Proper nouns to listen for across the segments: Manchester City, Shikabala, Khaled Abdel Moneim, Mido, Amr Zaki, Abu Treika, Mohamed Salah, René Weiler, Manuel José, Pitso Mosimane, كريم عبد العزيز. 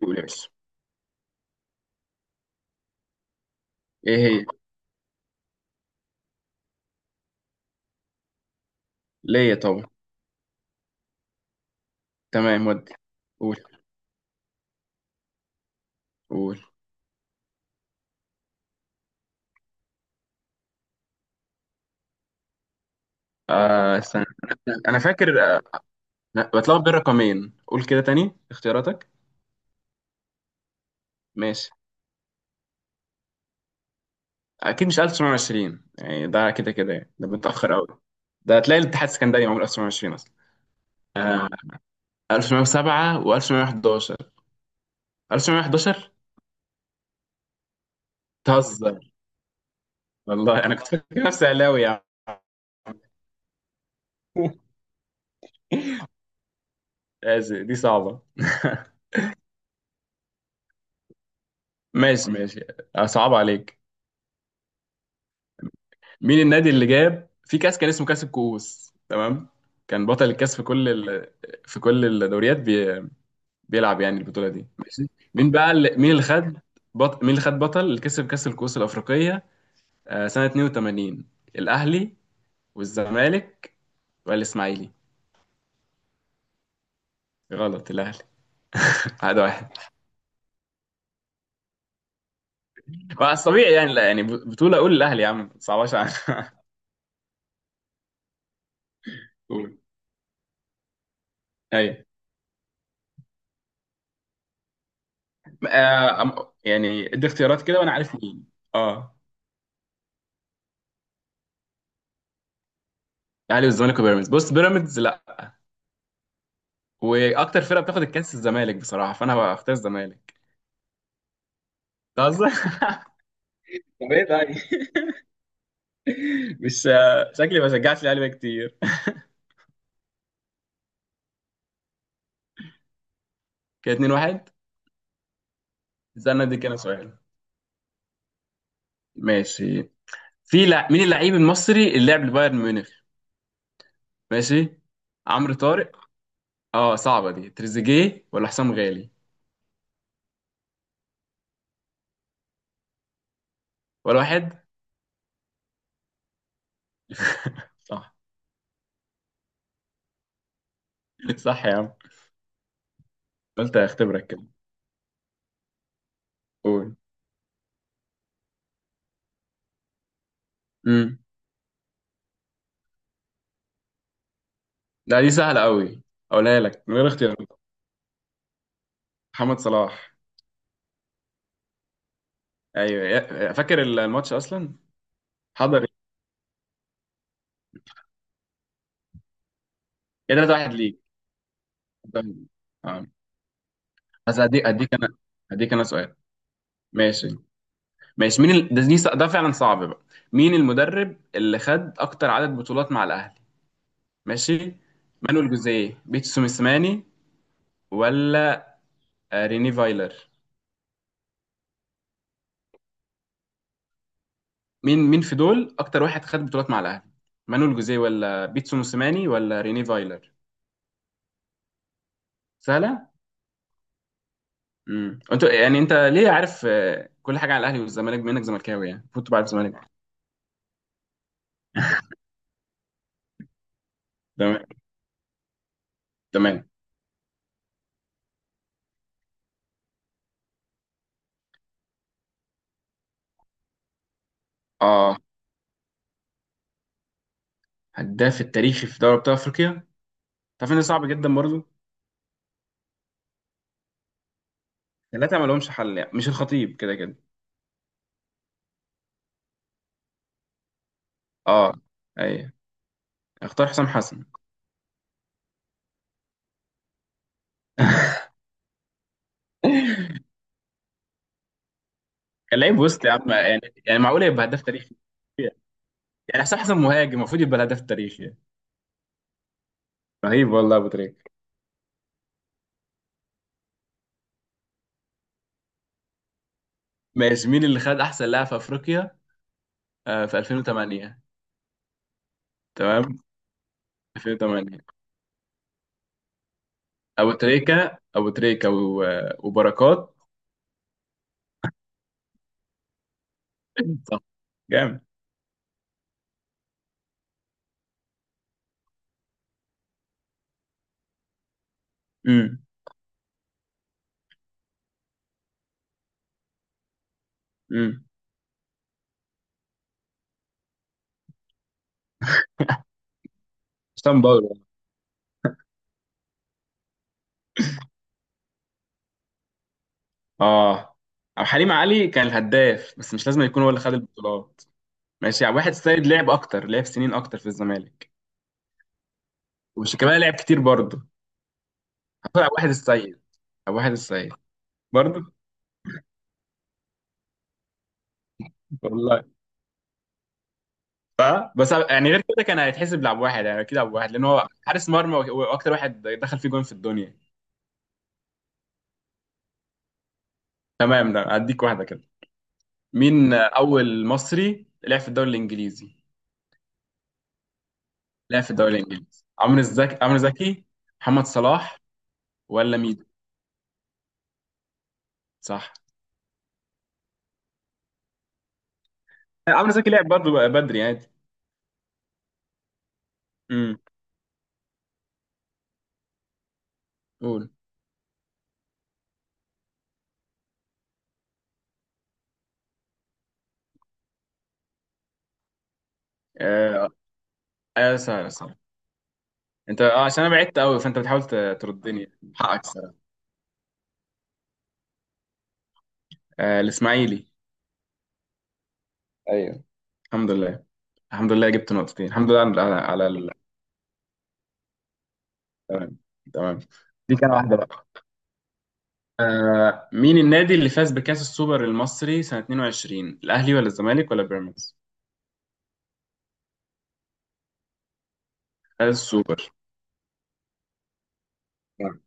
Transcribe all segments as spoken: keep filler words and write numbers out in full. قول يا باشا. ايه هي؟ ليا طبعا. تمام ودي. قول. قول. آه، استنى. انا فاكر آه، أنا بتلخبط بين رقمين. قول كده تاني اختياراتك. ماشي. اكيد مش تسعتاشر عشرين، يعني ده كده كده، يعني ده متاخر قوي. ده هتلاقي الاتحاد السكندري معمول ألف وتسعمية وعشرين اصلا. آه. ألف وتسعمية وسبعة و1911. ألف وتسعمية واحدعشر. تهزر؟ والله انا كنت فاكر نفسي علاوي يعني. آسف، دي صعبه. ماشي ماشي. صعب عليك. مين النادي اللي جاب في كاس كان اسمه كاس الكؤوس؟ تمام. كان بطل الكاس في كل ال... في كل الدوريات بي... بيلعب يعني البطوله دي. ماشي. مين بقى اللي... مين اللي خد بط... مين اللي خد بطل اللي كسب كاس الكؤوس الافريقيه؟ آه، سنه اتنين وتمانين. الاهلي والزمالك والاسماعيلي. غلط، الاهلي. واحد واحد. بس طبيعي يعني، لا يعني بطوله اقول الاهلي يا عم صعباش على- قول. ايوه. آه... أم- يعني ادي اختيارات كده وانا عارف مين. اه. الاهلي والزمالك وبيراميدز، بص بيراميدز. واكتر فرقه بتاخد الكاس الزمالك بصراحه، فانا هختار الزمالك. أنت قصدك؟ طب ايه طيب؟ مش شكلي ما شجعتش الاهلي بقى كتير. كده اتنين واحد. استنى اديك انا سؤال. ماشي. في لع... مين اللعيب المصري اللي لعب لبايرن ميونخ؟ ماشي. عمرو طارق. اه، صعبه دي. تريزيجيه ولا حسام غالي ولا واحد؟ صح. صح يا عم. قلت اختبرك كده. قول. امم. لا دي سهله قوي، اقولها لك من غير اختيارات. محمد صلاح. ايوه، يا- فاكر الماتش اصلا. حضر. ايه تلاتة واحد ليك. طيب. آه. بس اديك اديك انا اديك انا سؤال. ماشي ماشي. مين ال... ده دي... ده فعلا صعب بقى. مين المدرب اللي خد اكتر عدد بطولات مع الاهلي؟ ماشي. مانويل جوزيه، بيتسو سوميسماني، ولا آه، ريني فايلر؟ مين مين في دول اكتر واحد خد بطولات مع الاهلي؟ مانويل جوزيه ولا بيتسو سوميسماني ولا ريني فايلر؟ سهله. امم انت، يعني انت ليه عارف آه، كل حاجه على الاهلي والزمالك بما انك زملكاوي؟ يعني كنت بعرف الزمالك. تمام تمام. اه. هداف التاريخي في دوري ابطال افريقيا. تعرف ان ده صعب جدا برضه. ثلاثة ما لهمش حل يعني. مش الخطيب كده كده. اه. ايوه. اختار حسام حسن. كان لعيب وسط يا عم، يعني يعني معقول يبقى هداف تاريخي؟ يعني حسام حسن مهاجم المفروض يبقى الهداف التاريخي يعني. رهيب والله ابو تريكه. ماشي. مين اللي خد احسن لاعب في افريقيا آه في ألفين وتمانية؟ تمام. ألفين وتمانية، ابو تريكه، ابو تريكه، و- وبركات. صح. جامد. امم. امم. سان باولو. اه. او حليم علي كان الهداف، بس مش لازم يكون هو اللي خد البطولات. ماشي، يعني واحد السيد لعب اكتر، لعب سنين اكتر في الزمالك. وشيكابالا لعب كتير برضه. هطلع واحد السيد. او واحد السيد برضه. والله صح، بس يعني غير كده كان هيتحسب لعب واحد، يعني اكيد لعب واحد لان هو حارس مرمى وك- واكتر واحد دخل فيه جون في الدنيا. تمام. ده هديك واحده كده. مين اول مصري لعب في الدوري الانجليزي؟ لعب في الدوري الانجليزي. عمرو زكي، عمرو زكي، محمد صلاح، ولا ميدو؟ صح. عمرو زكي لعب برضه بدري عادي. امم. قول. آه. آه، سهل سهل. انت، اه، عشان انا بعدت قوي فانت بتحاول ت- تردني حقك الصراحه. آه، الاسماعيلي. ايوه. الحمد لله. الحمد لله جبت نقطتين. الحمد لله على على ال... تمام تمام. دي كان واحده بقى. آه مين النادي اللي فاز بكاس السوبر المصري سنه اتنين وعشرين؟ الاهلي ولا الزمالك ولا بيراميدز؟ فاز السوبر. نعم.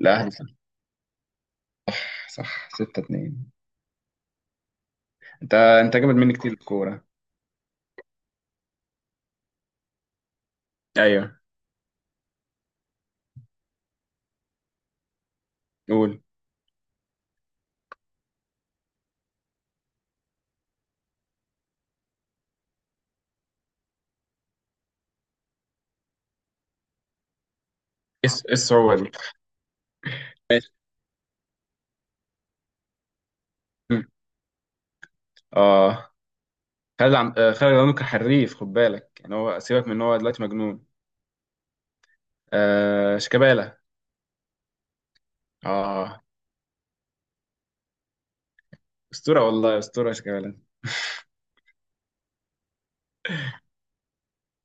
الاهلي صح. صح ستة اتنين. انت انت جامد مني كتير في الكوره. ايوه. قول ايه؟ الس- إيه الصعوبه دي؟ ماشي. اه خالد عم... آه، خالد عبد المنعم كان حريف، خد بالك، يعني هو سيبك من ان هو دلوقتي مجنون. آه، شيكابالا. اه. اسطوره والله، اسطوره شيكابالا.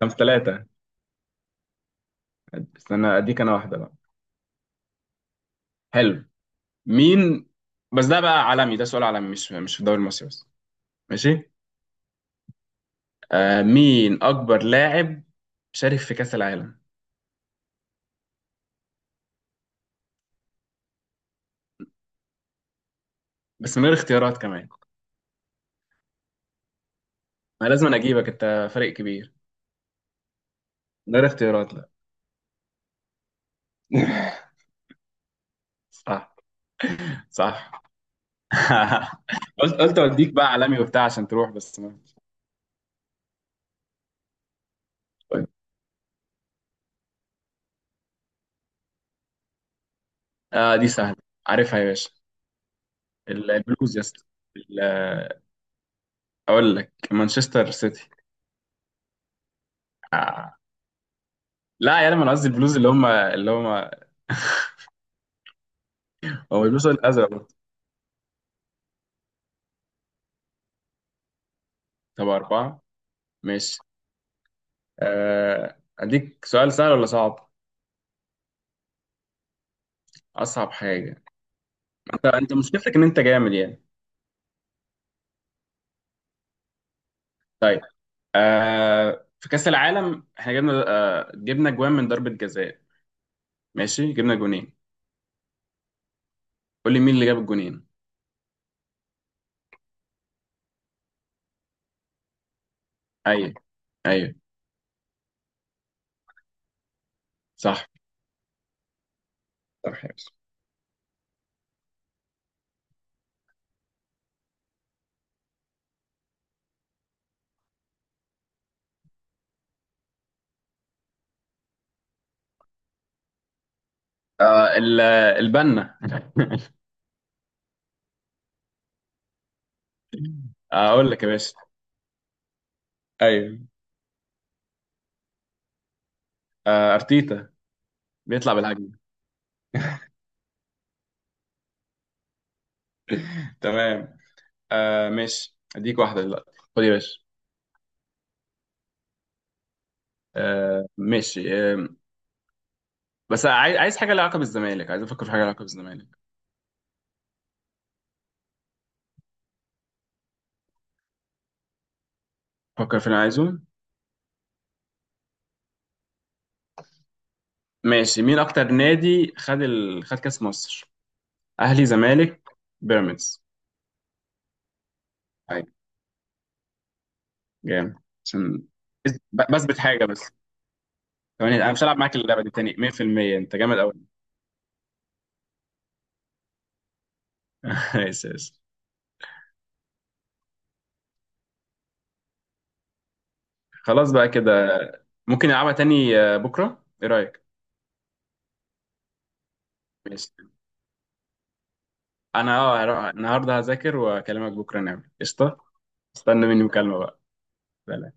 خمسة ثلاثة. استنى اديك انا واحده بقى. حلو. مين؟ بس ده بقى عالمي، ده سؤال عالمي، مش مش في الدوري المصري بس. ماشي. آه مين اكبر لاعب شارك في كاس العالم؟ بس من غير اختيارات كمان. انا لازم أنا اجيبك، انت فريق كبير. من غير اختيارات، لا. صح. صح. قلت قلت اوديك بقى عالمي وبتاع عشان تروح بس ما. آه، دي سهله، عارفها يا باشا. ال- البلوز يا اسطى. ال- اقول لك مانشستر سيتي. آه. لا يعني انا قصدي البلوز، اللي هم اللي هم هو البلوز الازرق برضه. طب اربعه. ماشي. آه، اديك سؤال سهل ولا صعب؟ اصعب حاجه. انت انت مشكلتك ان انت جامد يعني. طيب. آه، في كاس العالم احنا جبنا آه، جبنا جوان من ضربه جزاء. ماشي، جبنا جونين. قول لي مين اللي جاب الجونين؟ ايوه. ايوه. صح. صح يا باشا. آه، ال- البنا. اقول لك يا باشا. ايوه. آه، ارتيتا. بيطلع بالهجمه. تمام. آه ماشي، اديك واحده دلوقتي، خد يا باشا. آه ماشي آه. بس عايز عايز حاجه لها علاقه بالزمالك، عايز افكر في حاجه لها علاقه بالزمالك. فكر في اللي عايزه. ماشي. مين اكتر نادي خد ال... خد كاس مصر؟ اهلي، زمالك، بيراميدز؟ طيب. جامد. عشان بس- بثبت حاجه بس. كمان، انا مش هلعب معاك اللعبه دي تاني. مية في المية انت جامد قوي. ماشي ماشي. خلاص بقى كده. ممكن نلعبها تاني آه، بكره، ايه رايك؟ ماشي. انا اه هروح النهارده هذاكر واكلمك بكره نعمل قشطه. استنى مني مكالمه بقى. سلام.